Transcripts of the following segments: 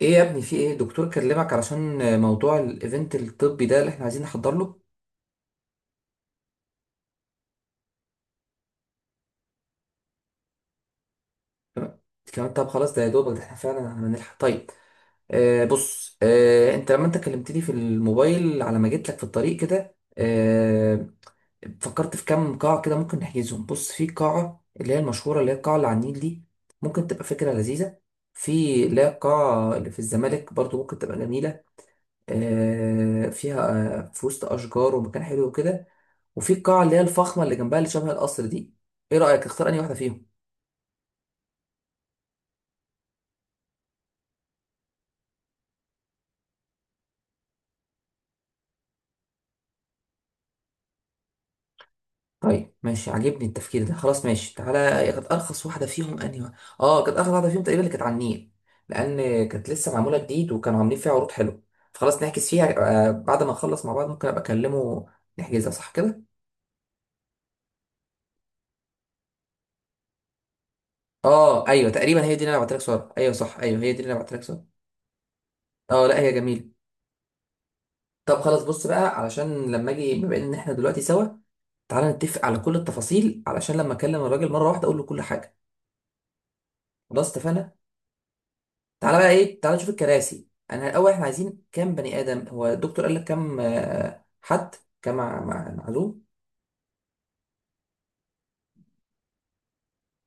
ايه يا ابني؟ في ايه؟ دكتور كلمك علشان موضوع الايفنت الطبي ده اللي احنا عايزين نحضر له. تمام. كمان، طب خلاص، ده يا دوبك ده احنا فعلا هنلحق. طيب. بص، انت لما كلمتني في الموبايل على ما جيت لك في الطريق كده. فكرت في كام قاعة كده ممكن نحجزهم. بص، في قاعة اللي هي المشهورة، اللي هي القاعة اللي على النيل دي. ممكن تبقى فكرة لذيذة. في اللي هي القاعة اللي في الزمالك برضو، ممكن تبقى جميلة. فيها في وسط اشجار ومكان حلو وكده. وفي القاعه اللي هي الفخمه اللي جنبها اللي شبه القصر دي. ايه رايك؟ اختار انهي واحده فيهم. طيب ماشي، عاجبني التفكير ده، خلاص ماشي. تعالى، كانت ارخص واحده فيهم انهي واحدة؟ اه، كانت ارخص واحده فيهم تقريبا اللي كانت على النيل. لان كانت لسه معموله جديد وكانوا عاملين فيها عروض حلوه. فخلاص نحجز فيها. بعد ما نخلص مع بعض ممكن ابقى اكلمه. نحجزها صح كده؟ اه ايوه، تقريبا هي دي اللي انا بعت لك صور، ايوه صح، ايوه هي دي اللي انا بعت لك صور. اه لا، هي جميله. طب خلاص، بص بقى، علشان لما اجي بما ان احنا دلوقتي سوا، تعالى نتفق على كل التفاصيل علشان لما اكلم الراجل مره واحده اقول له كل حاجه. خلاص اتفقنا. تعالى بقى، ايه، تعالى نشوف الكراسي. انا الاول، احنا عايزين كام بني ادم؟ هو الدكتور قال لك كام؟ حد كام معلوم؟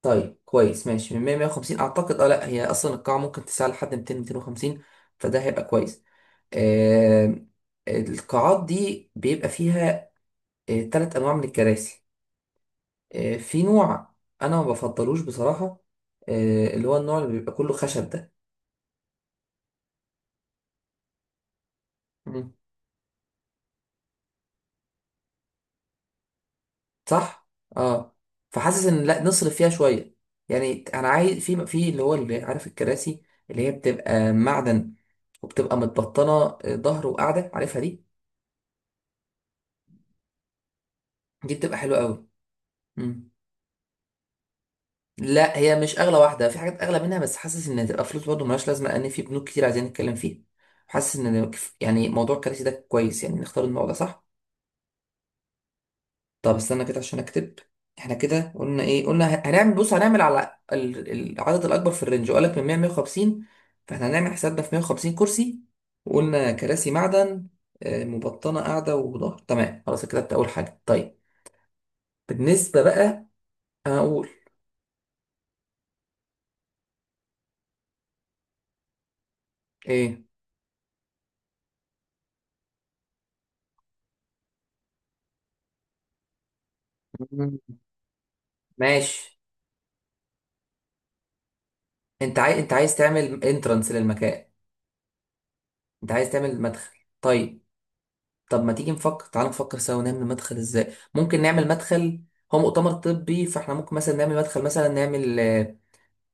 طيب كويس، ماشي، من 100 150 اعتقد. اه لا، هي اصلا القاعه ممكن تسع لحد 200 250، فده هيبقى كويس. آه القاعات دي بيبقى فيها ثلاث انواع من الكراسي. في نوع انا ما بفضلوش بصراحة، اللي هو النوع اللي بيبقى كله خشب ده. مم. صح. اه. فحاسس ان، لا، نصرف فيها شوية. يعني انا عايز في اللي هو، اللي عارف، الكراسي اللي هي بتبقى معدن، وبتبقى متبطنة، ظهر وقاعدة، عارفها دي. دي بتبقى حلوة قوي. مم. لا، هي مش اغلى واحدة، في حاجات اغلى منها، بس حاسس ان هتبقى فلوس برضه ملهاش لازمة، لان في بنوك كتير عايزين نتكلم فيها. حاسس ان، يعني موضوع الكراسي ده كويس، يعني نختار النوع ده صح. طب استنى كده عشان اكتب. احنا كده قلنا ايه؟ قلنا هنعمل، بص هنعمل على ال-، العدد الاكبر في الرينج، وقالك من 100 150. فاحنا هنعمل حسابنا في 150 كرسي، وقلنا كراسي معدن، مبطنه قاعده وظهر، تمام خلاص كتبت اول حاجه. طيب، بالنسبه بقى هقول ايه. مم. ماشي. انت عايز تعمل انترنس للمكان؟ انت عايز تعمل مدخل، طيب. طب ما تيجي نفكر، تعال نفكر سوا نعمل مدخل ازاي. ممكن نعمل مدخل، هو مؤتمر طبي، فاحنا ممكن مثلا نعمل مدخل، مثلا نعمل،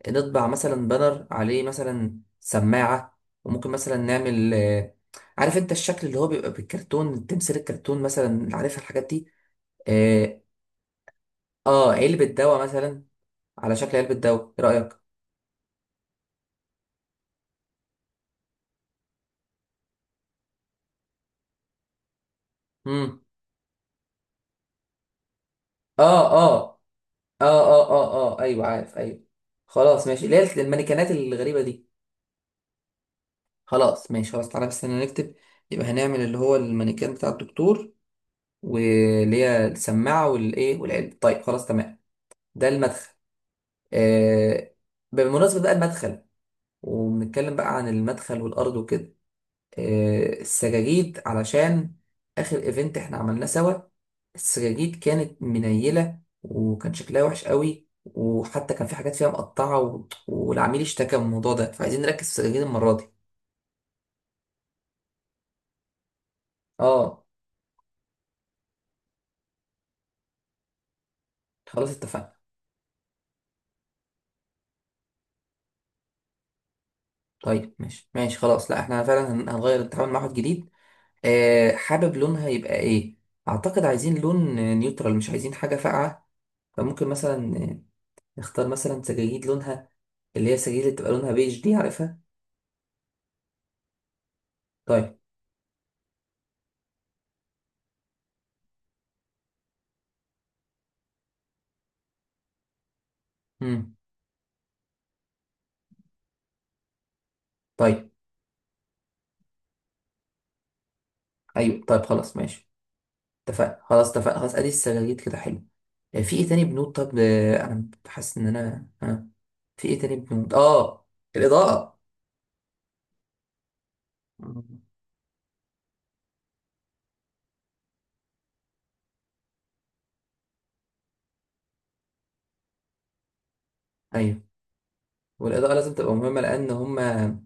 نطبع مثلا بانر عليه مثلا سماعة، وممكن مثلا نعمل، عارف انت الشكل اللي هو بيبقى بالكرتون، تمثال الكرتون مثلا، عارف الحاجات دي. اه. علبة دواء مثلا، على شكل علبة دواء. ايه رأيك؟ امم اه، اه، اه، اه، اه، اه، ايوه، عارف، ايوه. خلاص ماشي، اللي هي المانيكانات الغريبة دي. خلاص ماشي، خلاص تعالى بس انا نكتب. يبقى هنعمل اللي هو المانيكان بتاع الدكتور، واللي هي السماعة والايه والعلم. طيب خلاص تمام، ده المدخل. آه بالمناسبة بقى، المدخل، وبنتكلم بقى عن المدخل والأرض وكده. السجاجيد، علشان آخر ايفنت احنا عملناه سوا السجاجيد كانت منيلة، وكان شكلها وحش قوي، وحتى كان في حاجات فيها مقطعة والعميل اشتكى من الموضوع ده، فعايزين نركز في السجاجيد المرة دي. اه، خلاص اتفقنا. طيب ماشي ماشي خلاص، لا احنا فعلا هنغير نتعامل مع واحد جديد. حابب لونها يبقى ايه؟ اعتقد عايزين لون نيوترال، مش عايزين حاجة فاقعة. فممكن مثلا، نختار مثلا سجاجيد لونها اللي هي السجاجيد اللي بتبقى لونها بيج دي، عارفها. طيب. امم. طيب. ايوه طيب خلاص ماشي. اتفقنا خلاص، اتفقنا خلاص، ادي السجاجيد كده حلو. في ايه تاني بنود؟ طب انا حاسس ان انا، في ايه تاني بنود؟ اه، الاضاءة. مم. ايوه، والاضاءه لازم تبقى مهمه لان هما،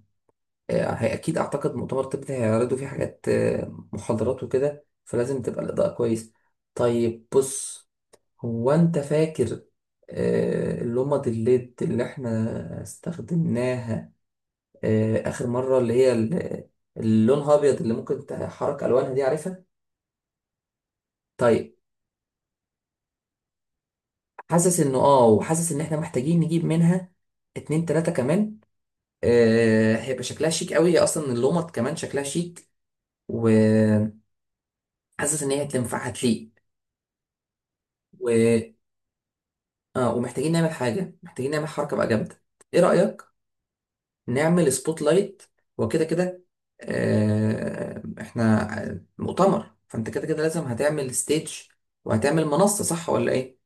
هي اكيد اعتقد مؤتمر طب ده هيعرضوا فيه حاجات، محاضرات وكده، فلازم تبقى الاضاءه كويس. طيب بص، هو انت فاكر اللمض الليد اللي احنا استخدمناها اخر مره، اللي هي ال-، اللونها ابيض، اللي ممكن تحرك الوانها دي، عارفها؟ طيب. حاسس انه اه، وحاسس ان احنا محتاجين نجيب منها اتنين تلاته كمان. هيبقى شكلها شيك قوي. هي اصلا اللمض كمان شكلها شيك، وحاسس ان هي هتنفع هتليق. اه، ومحتاجين نعمل حاجة، محتاجين نعمل حركة بقى جامدة. ايه رأيك نعمل سبوت لايت وكده كده. احنا مؤتمر، فانت كده كده لازم هتعمل ستيج وهتعمل منصة، صح ولا ايه؟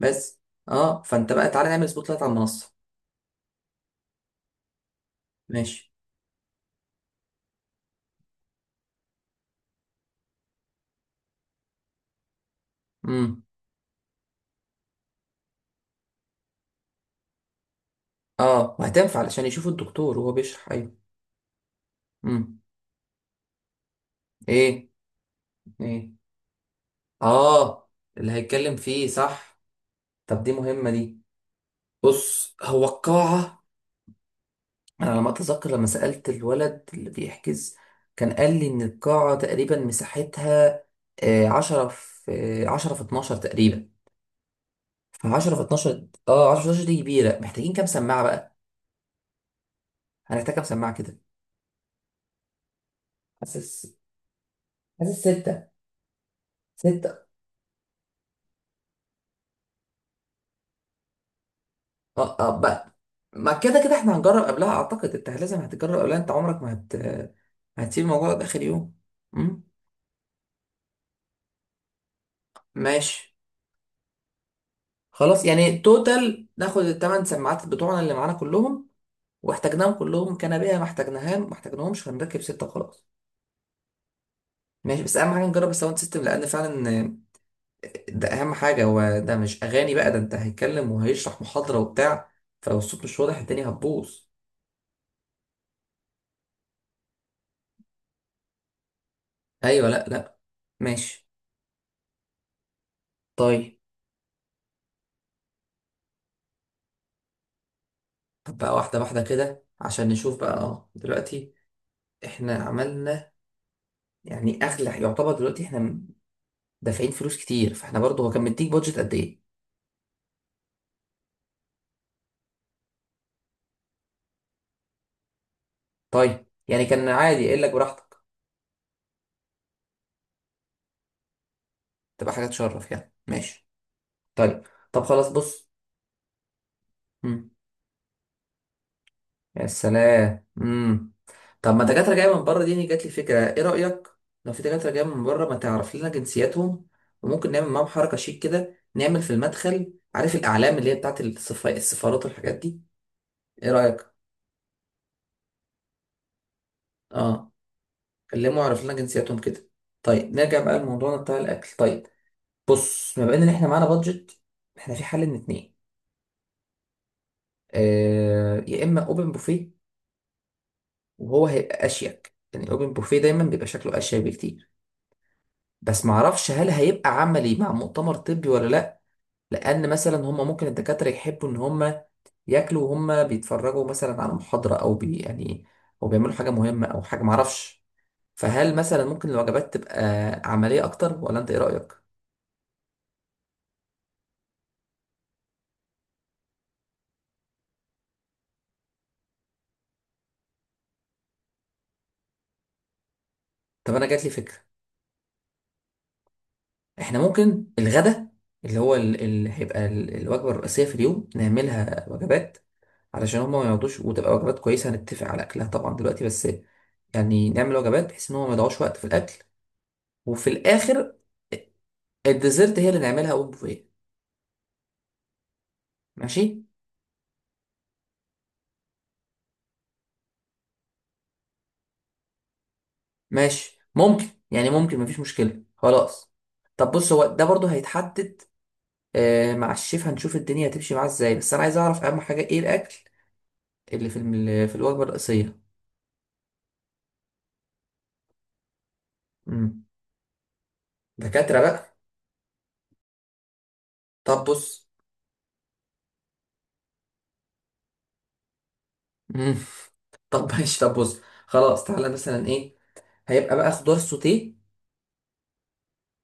بس اه، فانت بقى تعالى نعمل سبوت لايت على المنصة. ماشي. امم. اه، وهتنفع علشان يشوف الدكتور وهو بيشرح، ايوه. امم. ايه؟ ايه؟ اه، اللي هيتكلم فيه صح. طب دي مهمة دي. بص، هو القاعة انا على ما اتذكر لما سألت الولد اللي بيحجز كان قال لي ان القاعة تقريبا مساحتها آه، عشرة في عشرة في 12 تقريبا. فعشرة في 12، اه، عشرة في 12 دي كبيرة، محتاجين كام سماعة بقى. هنحتاج كام سماعة كده؟ حاسس، حاسس ستة. ستة، اه اه بقى، ما كده كده احنا هنجرب قبلها، اعتقد انت لازم هتجرب قبلها، انت عمرك ما هتسيب الموضوع ده اخر يوم. مم؟ ماشي. خلاص، يعني توتال ناخد الثمان سماعات بتوعنا اللي معانا كلهم. واحتاجناهم كلهم كنبيه، ما احتاجناهمش هنركب سته وخلاص. ماشي، بس اهم حاجه نجرب الساوند سيستم، لان فعلا، ده اهم حاجه، هو ده مش اغاني بقى، ده انت هيتكلم وهيشرح محاضره وبتاع، فلو الصوت مش واضح الدنيا هتبوظ. ايوه لا لا. ماشي. طيب، طب بقى واحده واحده كده عشان نشوف بقى، اه، دلوقتي احنا عملنا، يعني اغلى يعتبر دلوقتي احنا دافعين فلوس كتير، فاحنا برضه، هو كان مديك بادجت قد ايه؟ طيب، يعني كان عادي قايل لك براحتك، تبقى حاجه تشرف يعني، ماشي. طيب. طب خلاص بص. مم. يا سلام. مم. طب ما دكاترة جاية من بره دي، يعني جات لي فكرة. ايه رأيك؟ لو في دكاترة جاية من بره، ما تعرف لنا جنسياتهم، وممكن نعمل معاهم حركة شيك كده، نعمل في المدخل عارف الأعلام اللي هي بتاعت السفارات والحاجات دي. ايه رأيك؟ اه، كلموا واعرف لنا جنسياتهم كده. طيب نرجع بقى لموضوعنا بتاع الأكل. طيب، بص، ما ان احنا معانا بادجت، احنا في حل من اتنين. يا اما اوبن بوفيه، وهو هيبقى اشيك، يعني اوبن بوفيه دايما بيبقى شكله اشيك بكتير. بس معرفش هل هيبقى عملي مع مؤتمر طبي ولا لا، لان مثلا هم ممكن الدكاتره يحبوا ان هم ياكلوا وهم بيتفرجوا مثلا على محاضره، او يعني، او بيعملوا حاجه مهمه، او حاجه معرفش. فهل مثلا ممكن الوجبات تبقى عمليه اكتر، ولا انت ايه رايك؟ طب انا جات لي فكره، احنا ممكن الغدا اللي هو ال-، اللي هيبقى ال-، الوجبه الرئيسيه في اليوم نعملها وجبات، علشان هم ما يقعدوش، وتبقى وجبات كويسه هنتفق على اكلها طبعا دلوقتي. بس يعني نعمل وجبات بحيث ان هم ما يضيعوش وقت في الاكل، وفي الاخر الديزرت هي اللي نعملها اون بوفيه. ماشي. ماشي ممكن، يعني ممكن، مفيش مشكله خلاص. طب بص، هو ده برضو هيتحدد مع الشيف، هنشوف الدنيا هتمشي معاه ازاي، بس انا عايز اعرف اهم حاجه ايه الاكل اللي في الوجبه الرئيسيه. امم. دكاتره بقى. طب بص. امم. طب ماشي، طب بص، خلاص تعالى مثلا ايه. هيبقى بقى خضار سوتيه،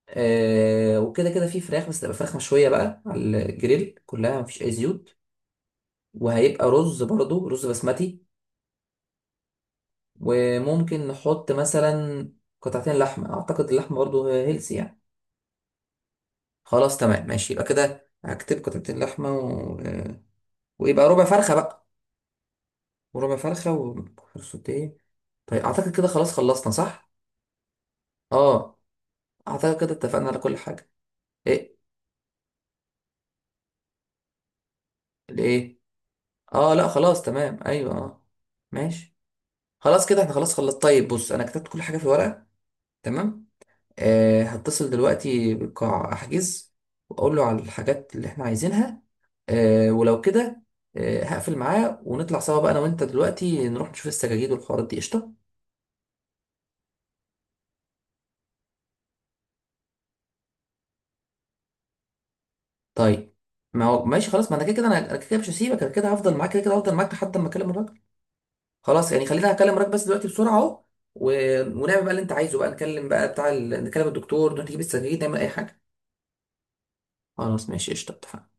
وكده كده في فراخ، بس تبقى فراخ مشويه بقى على الجريل كلها، مفيش اي زيوت. وهيبقى رز، برضو رز بسمتي. وممكن نحط مثلا قطعتين لحمة، أعتقد اللحمة برضو هيلسي يعني. خلاص تمام ماشي، يبقى كده هكتب قطعتين لحمة، ويبقى ربع فرخة بقى، وربع فرخة، وسوتيه. طيب أعتقد كده خلاص خلصنا، صح؟ اه. أعتقد كده اتفقنا على كل حاجة. إيه؟ لإيه؟ اه لا، خلاص تمام، أيوه اه. ماشي. خلاص كده احنا خلاص خلصت. طيب بص، أنا كتبت كل حاجة في ورقة. تمام، هتصل دلوقتي بالقاع احجز، واقول له على الحاجات اللي احنا عايزينها، ولو كده هقفل معاه، ونطلع سوا بقى انا وانت دلوقتي نروح نشوف السجاجيد والحوارات دي، قشطه. طيب، ما هو ماشي خلاص، ما انا كده كده، انا كده كده مش هسيبك، انا كده هفضل معاك كده كده، هفضل معاك لحد ما اكلم الراجل. خلاص يعني خلينا اكلم الراجل بس دلوقتي بسرعه اهو، و... ونعمل بقى اللي انت عايزه بقى، نكلم بقى بتاع نكلم الدكتور، نروح نجيب السجاجيد نعمل اي حاجه. خلاص ماشي، قشطه، اتفقنا.